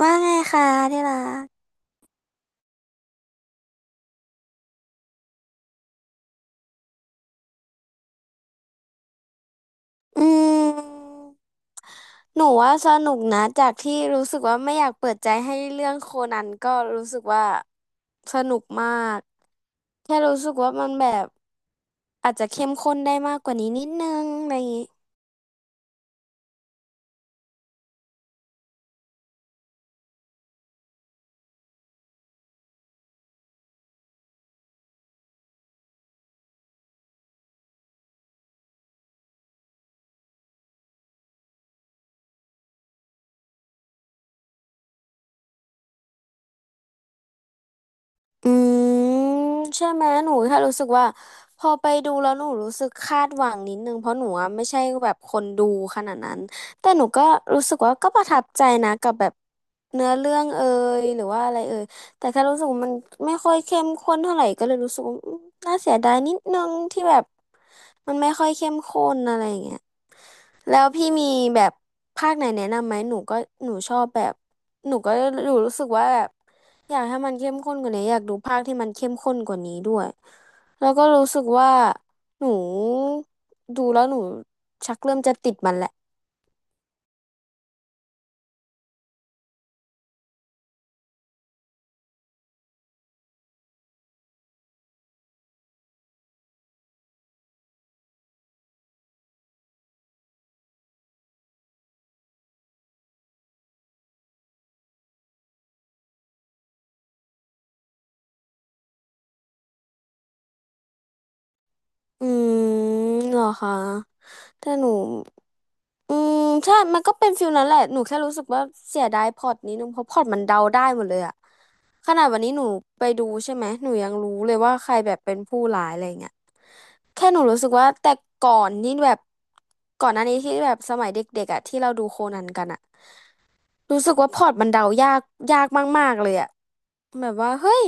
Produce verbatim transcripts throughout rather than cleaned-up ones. ว่าไงคะที่รัก อืมหนูว่าสนุกนะ จากที่รู้สึกว่าไม่อยากเปิดใจให้เรื่องโคนันก็รู้สึกว่าสนุกมากแค่รู้สึกว่ามันแบบอาจจะเข้มข้นได้มากกว่านี้นิดนึงอะไรอย่างงี้ อืมใช่ไหมหนูแค่รู้สึกว่าพอไปดูแล้วหนูรู้สึกคาดหวังนิดนึงเพราะหนูอะไม่ใช่แบบคนดูขนาดนั้นแต่หนูก็รู้สึกว่าก็ประทับใจนะกับแบบเนื้อเรื่องเอ่ยหรือว่าอะไรเอ่ยแต่แค่รู้สึกว่ามันไม่ค่อยเข้มข้นเท่าไหร่ก็เลยรู้สึกว่าอืมน่าเสียดายนิดนึงที่แบบมันไม่ค่อยเข้มข้นอะไรอย่างเงี้ยแล้วพี่มีแบบภาคไหนแนะนำไหมหนูก็หนูชอบแบบหนูก็หนูรู้สึกว่าแบบ อยากให้มันเข้มข้นกว่านี้อยากดูภาคที่มันเข้มข้นกว่านี้ด้วยแล้วก็รู้สึกว่าหนูดูแล้วหนูชักเริ่มจะติดมันแหละอืมเหรอคะแต่หนูอืมใช่มันก็เป็นฟิลนั้นแหละหนูแค่รู้สึกว่าเสียดายพล็อตนี้นึงเพราะพล็อตมันเดาได้หมดเลยอะขนาดวันนี้หนูไปดูใช่ไหมหนูยังรู้เลยว่าใครแบบเป็นผู้ร้ายอะไรเงี้ยแค่หนูรู้สึกว่าแต่ก่อนนี่แบบก่อนหน้านี้ที่แบบสมัยเด็กๆอะที่เราดูโคนันกันอะ รู้สึกว่าพอร์ตมันเดายากยากมากๆเลยอะแบบว่าเฮ้ย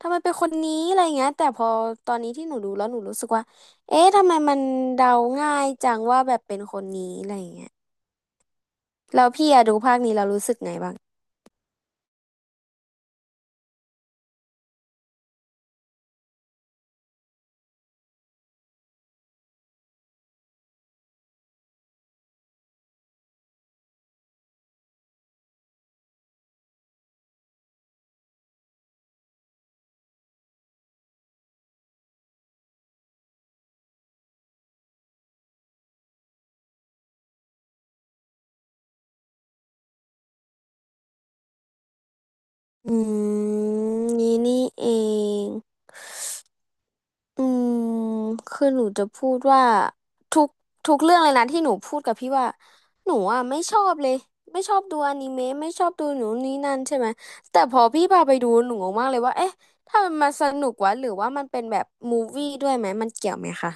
ทำไมเป็นคนนี้อะไรเงี้ยแต่พอตอนนี้ที่หนูดูแล้วหนูรู้สึกว่าเอ๊ะทำไมมันเดาง่ายจังว่าแบบเป็นคนนี้อะไรเงี้ยแล้วพี่อะดูภาคนี้เรารู้สึกไงบ้างอืมนี่นี่เอง อืมคือหนูจะพูดว่าทุกทุกเรื่องเลยนะที่หนูพูดกับพี่ว่าหนูอ่ะไม่ชอบเลยไม่ชอบดูอนิเมะไม่ชอบดูหนูนนี่นั่นใช่ไหมแต่พอพี่พาไปดูหนูงงมากเลยว่าเอ๊ะถ้ามันมาสนุกวะหรือว่ามันเป็นแบบมูฟวี่ด้วยไหมมันเกี่ยวไหมคะ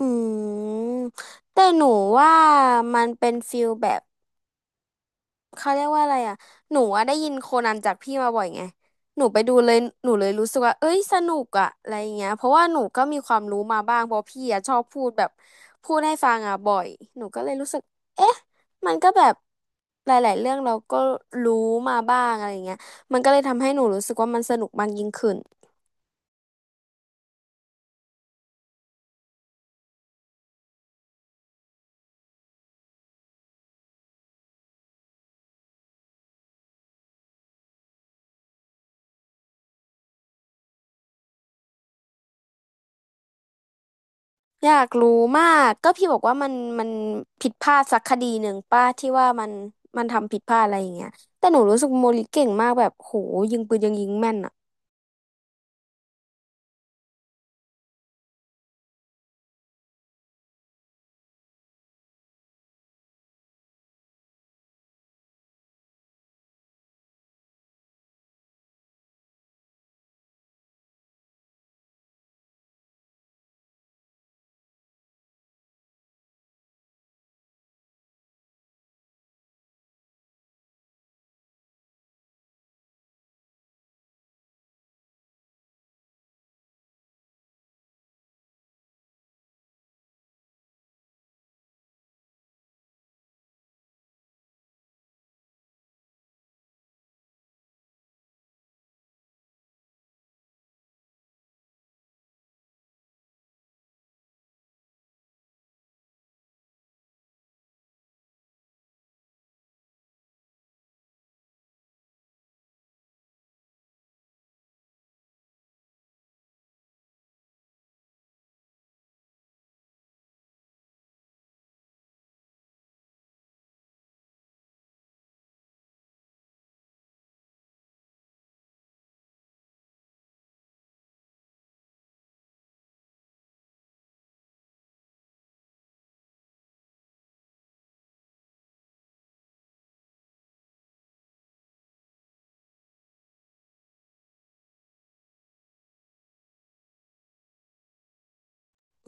อืมแต่หนูว่ามันเป็นฟิลแบบ เขาเรียกว่าอะไรอ่ะหนูอะได้ยินโคนันจากพี่มาบ่อยไงหนูไปดูเลยหนูเลยรู้สึกว่าเอ้ยสนุกอ่ะอะไรอย่างเงี้ยเพราะว่าหนูก็มีความรู้มาบ้างเพราะพี่อ่ะชอบพูดแบบพูดให้ฟังอ่ะบ่อยหนูก็เลยรู้สึกเอ๊ะมันก็แบบหลายๆเรื่องเราก็รู้มาบ้างอะไรอย่างเงี้ยมันก็เลยทำให้หนูรู้สึกว่ามันสนุกมากยิ่งขึ้น อยากรู้มากก็พี่บอกว่ามันมันผิดพลาดสักคดีหนึ่งป้าที่ว่ามันมันทำผิดพลาดอะไรอย่างเงี้ยแต่หนูรู้สึกโมลิเก่งมากแบบโหยิงปืนยังยิงแม่นอ่ะ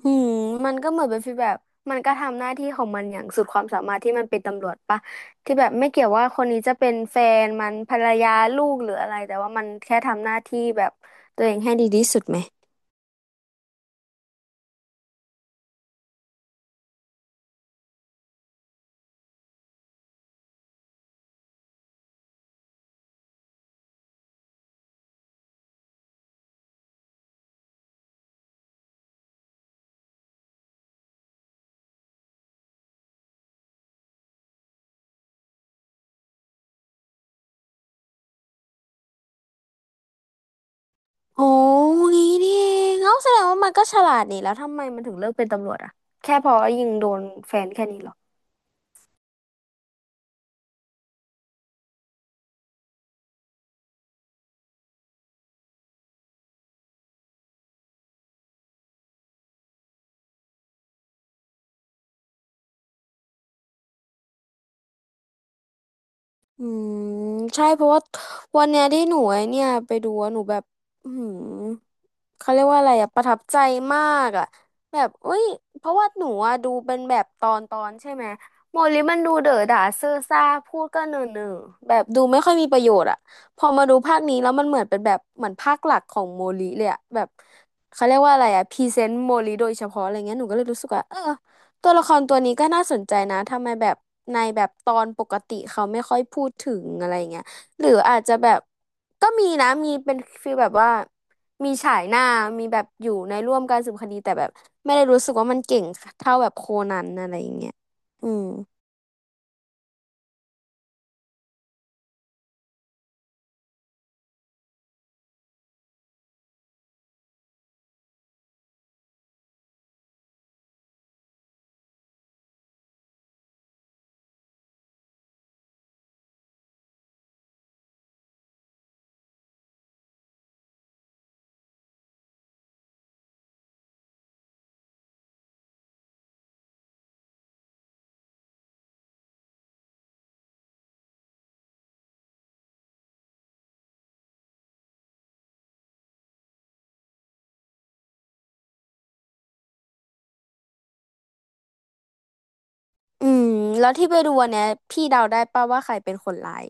อืมมันก็เหมือนเป็นฟีลแบบมันก็ทำหน้าที่ของมันอย่างสุดความสามารถที่มันเป็นตำรวจปะที่แบบไม่เกี่ยวว่าคนนี้จะเป็นแฟนมันภรรยาลูกหรืออะไรแต่ว่ามันแค่ทำหน้าที่แบบตัวเองให้ดีที่สุดไหมโอ้งี้นี่เองเอ้าแสดงว่ามันก็ฉลาดนี่แล้วทำไมมันถึงเลือกเป็นตำรวจอะแค่เพอยิงโดนแฟนแค่นี้เหรอ อืมใช่เพราะว่าวันเนี้ยที่หนูไอ้เนี่ยไปดูอะหนูแบบอืมเขาเรียกว่าอะไรอะประทับใจมากอะแบบเอ้ยเพราะว่าหนูอะดูเป็นแบบตอนตอนใช่ไหมโมลิมันดูเด๋อด่าเซอ่อซ่าพูดก็เนอเนอแบบดูไม่ค่อยมีประโยชน์อะพอมาดูภาคนี้แล้วมันเหมือนเป็นแบบเหมือนภาคหลักของโมลิเลยอะแบบเขาเรียกว่าอะไรอะพรีเซนต์โมลิโดยเฉพาะอะไรเงี้ยหนูก็เลยรู้สึกว่าเออ ตัวละครตัวนี้ก็น่าสนใจนะทำไมแบบในแบบตอนปกติเขาไม่ค่อยพูดถึงอะไรเงี้ยหรืออาจจะแบบก็มีนะมีเป็นฟีลแบบว่ามีฉายหน้ามีแบบอยู่ในร่วมการสืบคดีแต่แบบไม่ได้รู้สึกว่ามันเก่งเท่าแบบโคนันอะไรอย่างเงี้ยอืมอืมแล้วที่ไปดูอันเนี้ยพี่เดาได้ป่ะว่าใครเป็นคนร้าย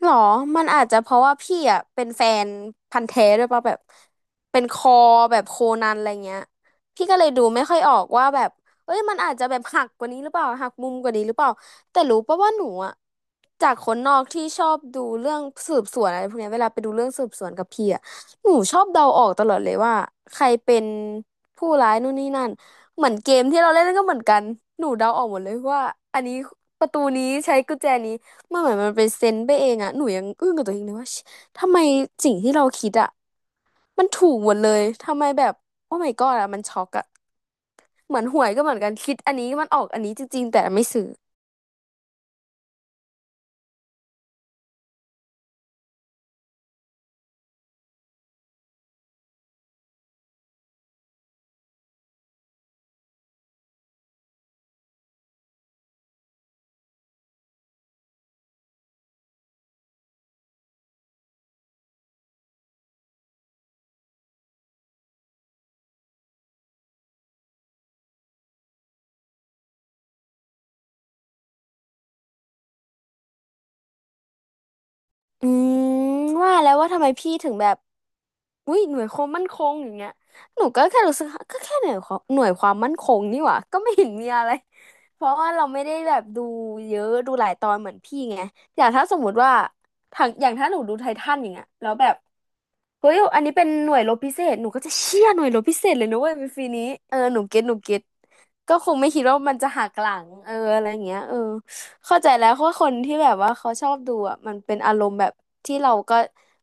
หรอมันอาจจะเพราะว่าพี่อ่ะเป็นแฟนพันธุ์แท้ด้วยป่ะแบบเป็นคอแบบโคนันอะไรเงี้ยพี่ก็เลยดูไม่ค่อยออกว่าแบบเอ้ยมันอาจจะแบบหักกว่านี้หรือเปล่าหักมุมกว่านี้หรือเปล่าแต่รู้ป่ะว่าหนูอ่ะจากคนนอกที่ชอบดูเรื่องสืบสวนอะไรพวกเนี้ยเวลาไปดูเรื่องสืบสวนกับพี่อ่ะหนูชอบเดาออกตลอดเลยว่าใครเป็นผู้ร้ายนู่นนี่นั่นเหมือนเกมที่เราเล่นก็เหมือนกันหนูเดาออกหมดเลยว่าอันนี้ประตูนี้ใช้กุญแจนี้ มันเหมือนมันเป็นเซนส์ไปเองอะหนูยังอึ้งกับตัวเองเลยว่าชิทำไมสิ่งที่เราคิดอะมันถูกหมดเลยทำไมแบบโอ้ my god อะมันช็อกอะเหมือนหวยก็เหมือนกันคิดอันนี้มันออกอันนี้จริงๆแต่ไม่ซื้ออืมว่าแล้วว่าทำไมพี่ถึงแบบอุ้ยหน่วยความมั่นคงอย่างเงี้ยหนูก็แค่รู้สึกก็แค่หน่วยความหน่วยความมั่นคงนี่หว่าก็ไม่เห็นมีอะไรเพราะว่าเราไม่ได้แบบดูเยอะดูหลายตอนเหมือนพี่ไงอย่างถ้าสมมติว่าทางอย่างถ้าหนูดูไททันอย่างเงี้ยแล้วแบบ เฮ้ยอันนี้เป็นหน่วยรบพิเศษหนูก็จะเชี่ยหน่วยรบพิเศษเลยนะเว้ยเป็นฟรีนี้เออหนูเก็ตหนูเก็ตก็คงไม่คิดว่ามันจะหักหลังเอออะไรอย่างเงี้ยเออเข้าใจแล้วเพราะว่าคนที่แบบว่าเขาชอบดูอ่ะมันเป็นอารมณ์แบบที่เราก็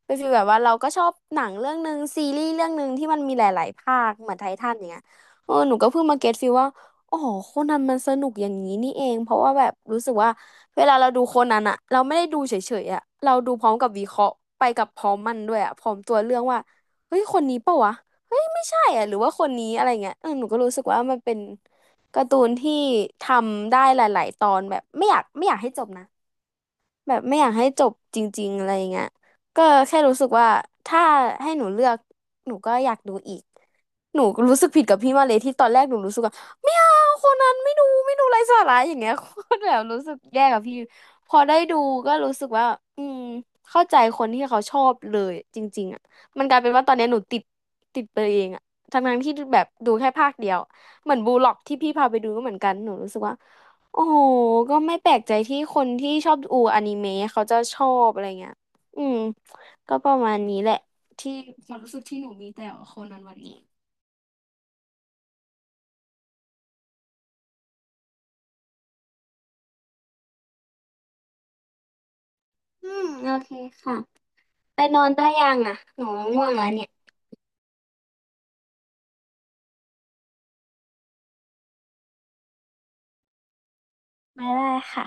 เป็นฟีลแบบว่าเราก็ชอบหนังเรื่องหนึ่งซีรีส์เรื่องหนึ่งที่มันมีหลายๆภาคเหมือนไททันอย่างเงี้ยเออหนูก็เพิ่งมาเก็ตฟีลว่า อ๋อโคนันมันสนุกอย่างนี้นี่เองเพราะว่าแบบรู้สึกว่าเวลาเราดูโคนันอะเราไม่ได้ดูเฉยๆอะเราดูพร้อมกับวิเคราะห์ไปกับพร้อมมันด้วยอะพร้อมตัวเรื่องว่าเฮ้ยคนนี้เปล่าวะเฮ้ยไม่ใช่อะหรือว่าคนนี้อะไรเงี้ยเออหนูก็รู้สึกว่ามันเป็นการ์ตูนที่ทำได้หลายๆตอนแบบไม่อยากไม่อยากให้จบนะ แบบไม่อยากให้จบจริงๆอะไรอย่างเงี้ยก็แค่รู้สึกว่าถ้าให้หนูเลือกหนูก็อยากดูอีกหนูรู้สึกผิดกับพี่มาเลยที่ตอนแรกหนูรู้สึกว่าไม่เอาคนนั้นไม่ดูไม่ดูไร้สาระอย่างเงี้ย โคตรแบบรู้สึกแย่กับพี่พอได้ดูก็รู้สึกว่าอืมเข้าใจคนที่เขาชอบเลยจริงๆอ่ะมันกลายเป็นว่าตอนเนี้ยหนูติดติดไปเองอ่ะทั้งๆที่แบบดูแค่ภาคเดียวเหมือนบูล็อกที่พี่พาไปดูก็เหมือนกันหนูรู้สึกว่า โอ้โห ก็ไม่แปลกใจที่คนที่ชอบดูอนิเมะเขาจะชอบอะไรเงี้ยอืม ก็ประมาณนี้แหละที่ความรู้สึกที่หนูมีแต่โคนันวันนี้ อืม โอเคค่ะไปนอนได้ยังอ่ะหนูง่วงแล้วเนี่ยไม่ได้ค่ะ